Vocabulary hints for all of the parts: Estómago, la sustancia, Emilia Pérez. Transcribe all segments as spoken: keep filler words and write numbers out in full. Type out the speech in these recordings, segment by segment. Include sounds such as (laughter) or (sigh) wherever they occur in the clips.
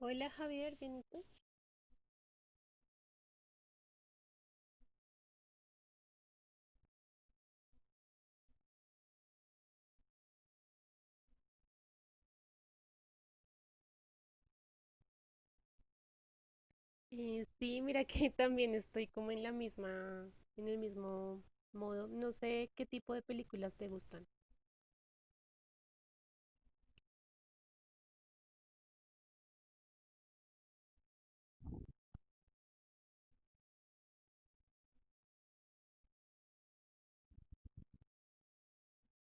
Hola Javier, ¿bien y tú? Eh, sí, mira que (laughs) también estoy como en la misma, en el mismo modo. No sé qué tipo de películas te gustan.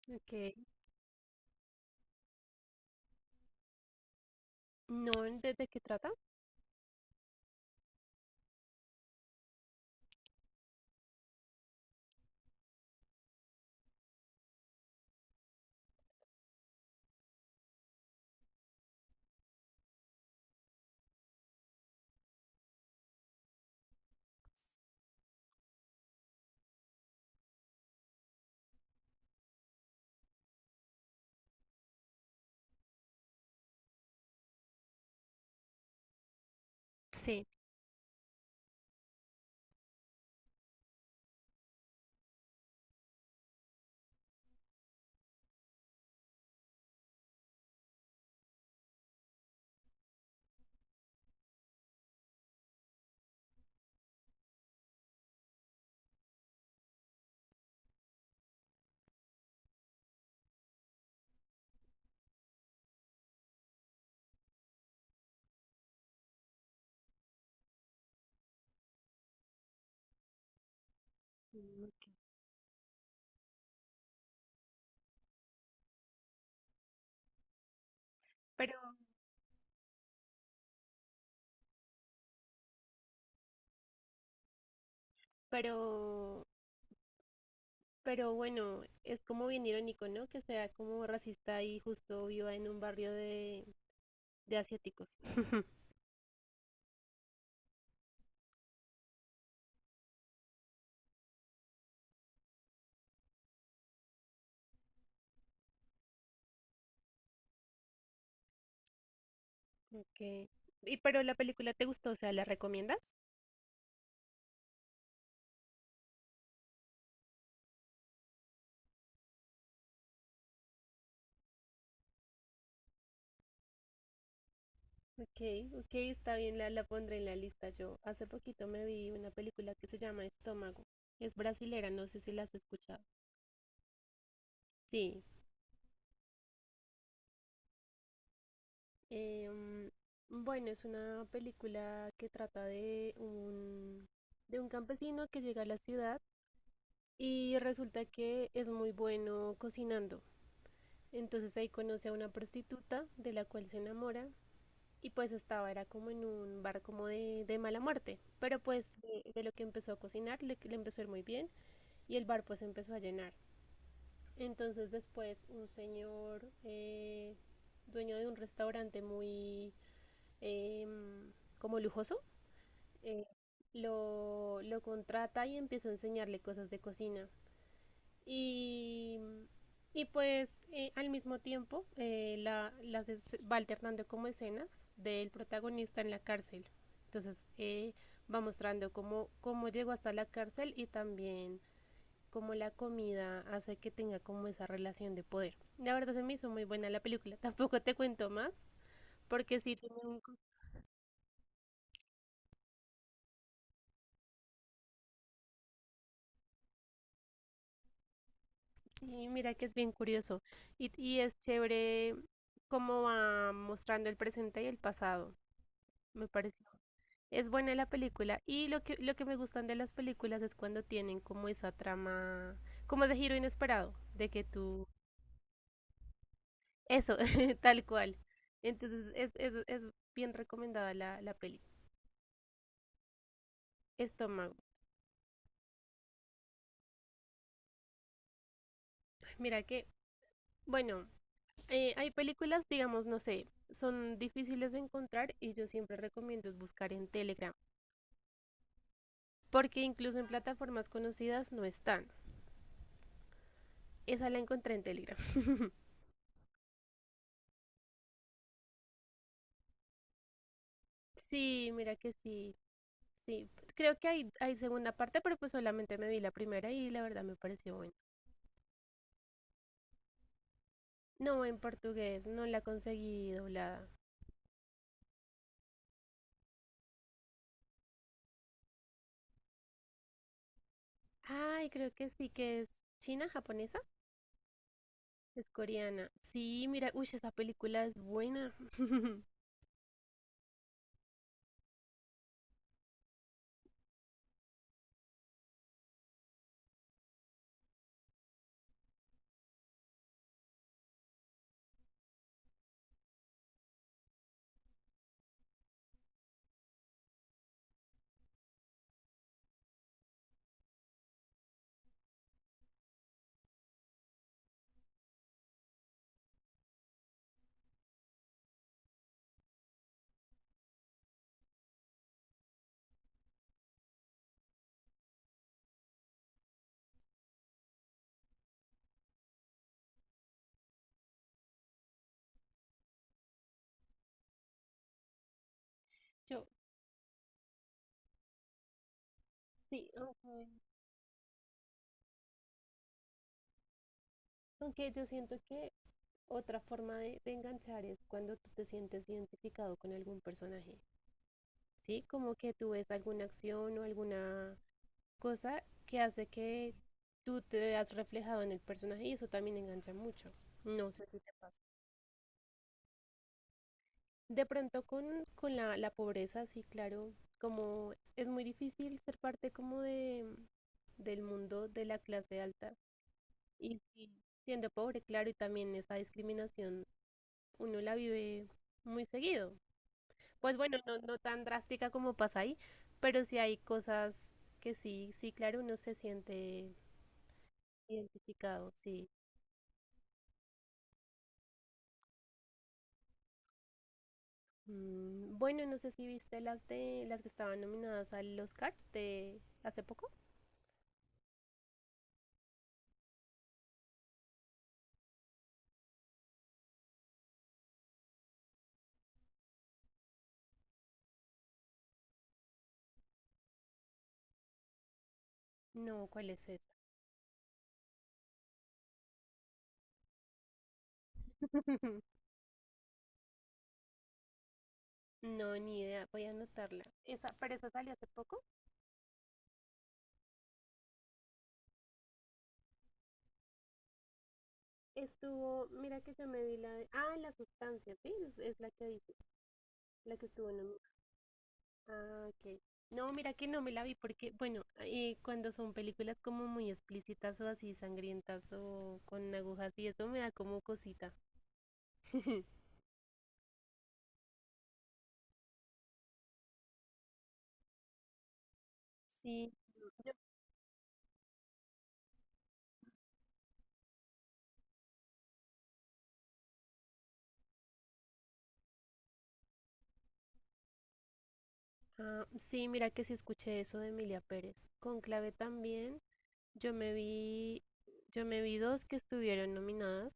Ok, no, ¿desde qué trata? Sí. Mm. Pero, pero, pero bueno, es como bien irónico, ¿no? Que sea como racista y justo viva en un barrio de, de asiáticos. (laughs) Ok. Y pero la película te gustó, o sea, ¿la recomiendas? Ok, ok, está bien, la, la pondré en la lista. Yo hace poquito me vi una película que se llama Estómago. Es brasilera, no sé si la has escuchado. Sí. em, bueno, es una película que trata de un, de un campesino que llega a la ciudad y resulta que es muy bueno cocinando. Entonces ahí conoce a una prostituta de la cual se enamora y pues estaba, era como en un bar como de, de mala muerte. Pero pues de, de lo que empezó a cocinar le, le empezó a ir muy bien y el bar pues empezó a llenar. Entonces después un señor eh, dueño de un restaurante muy eh, como lujoso eh, lo, lo contrata y empieza a enseñarle cosas de cocina. Y, y pues eh, al mismo tiempo eh, la, las es- va alternando como escenas del protagonista en la cárcel. Entonces eh, va mostrando cómo, cómo llegó hasta la cárcel y también cómo la comida hace que tenga como esa relación de poder. La verdad se me hizo muy buena la película, (laughs) tampoco te cuento más, porque sí, tiene un co- y mira que es bien curioso y, y es chévere cómo va mostrando el presente y el pasado, me pareció. Es buena la película y lo que, lo que me gustan de las películas es cuando tienen como esa trama, como de giro inesperado, de que tú, eso, (laughs) tal cual. Entonces es, es, es bien recomendada la, la peli. Estómago. Mira que bueno, eh, hay películas, digamos, no sé, son difíciles de encontrar y yo siempre recomiendo es buscar en Telegram, porque incluso en plataformas conocidas no están. Esa la encontré en Telegram. (laughs) Sí, mira que sí, sí. Creo que hay, hay segunda parte, pero pues solamente me vi la primera y la verdad me pareció buena. No, en portugués, no la conseguí doblada. Ay, creo que sí que es china, japonesa, es coreana. Sí, mira, uy, esa película es buena. (laughs) Yo, sí, ok. Aunque yo siento que otra forma de, de enganchar es cuando tú te sientes identificado con algún personaje, ¿sí? Como que tú ves alguna acción o alguna cosa que hace que tú te veas reflejado en el personaje y eso también engancha mucho. No sé si te pasa. De pronto con, con la, la pobreza, sí, claro, como es, es muy difícil ser parte como de, del mundo de la clase alta y sí, siendo pobre, claro, y también esa discriminación uno la vive muy seguido. Pues bueno, no, no tan drástica como pasa ahí, pero sí hay cosas que sí, sí, claro, uno se siente identificado, sí. Mm, bueno, no sé si viste las de las que estaban nominadas al Oscar de hace poco. No, ¿cuál es esa? (laughs) No, ni idea, voy a anotarla. Esa, pero esa salió hace poco. Estuvo, mira que yo me vi la de, ah, la sustancia, sí, es, es la que dice, la que estuvo nominada. Ah, ok. No, mira que no me la vi porque, bueno, eh, cuando son películas como muy explícitas o así sangrientas o con agujas y eso me da como cosita. (laughs) Sí, yo- ah, sí, mira que sí escuché eso de Emilia Pérez. Con Clave también, yo me vi, yo me vi dos que estuvieron nominadas,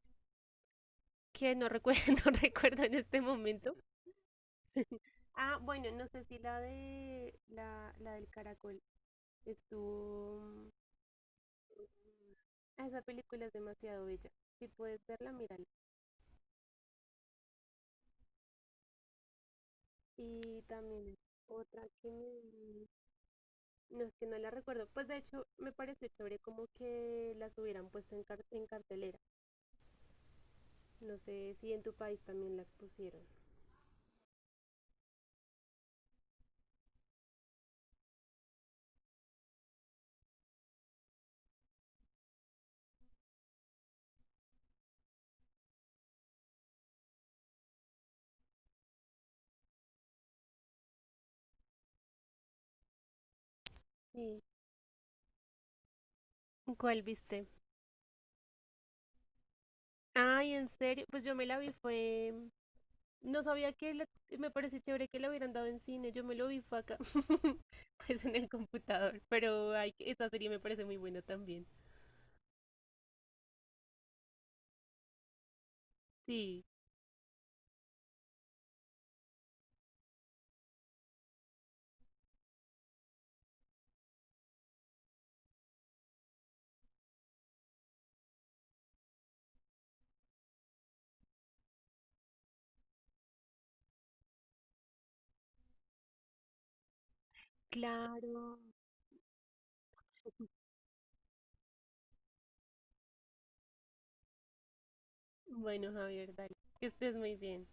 que no recuerdo, (laughs) no recuerdo en este momento. Ah, bueno, no sé si la de la, la del caracol estuvo. Ah, esa película es demasiado bella. Si puedes verla, mírala. Y también otra que me... No, es que no la recuerdo. Pues de hecho, me pareció chévere como que las hubieran puesto en, car- en cartelera. No sé si en tu país también las pusieron. Sí. ¿Cuál viste? Ay, en serio. Pues yo me la vi, fue... No sabía que la- me pareció chévere que la hubieran dado en cine. Yo me lo vi, fue acá. (laughs) Pues en el computador. Pero ay, esa serie me parece muy buena también. Sí, claro. Bueno, Javier, dale. Que estés muy bien.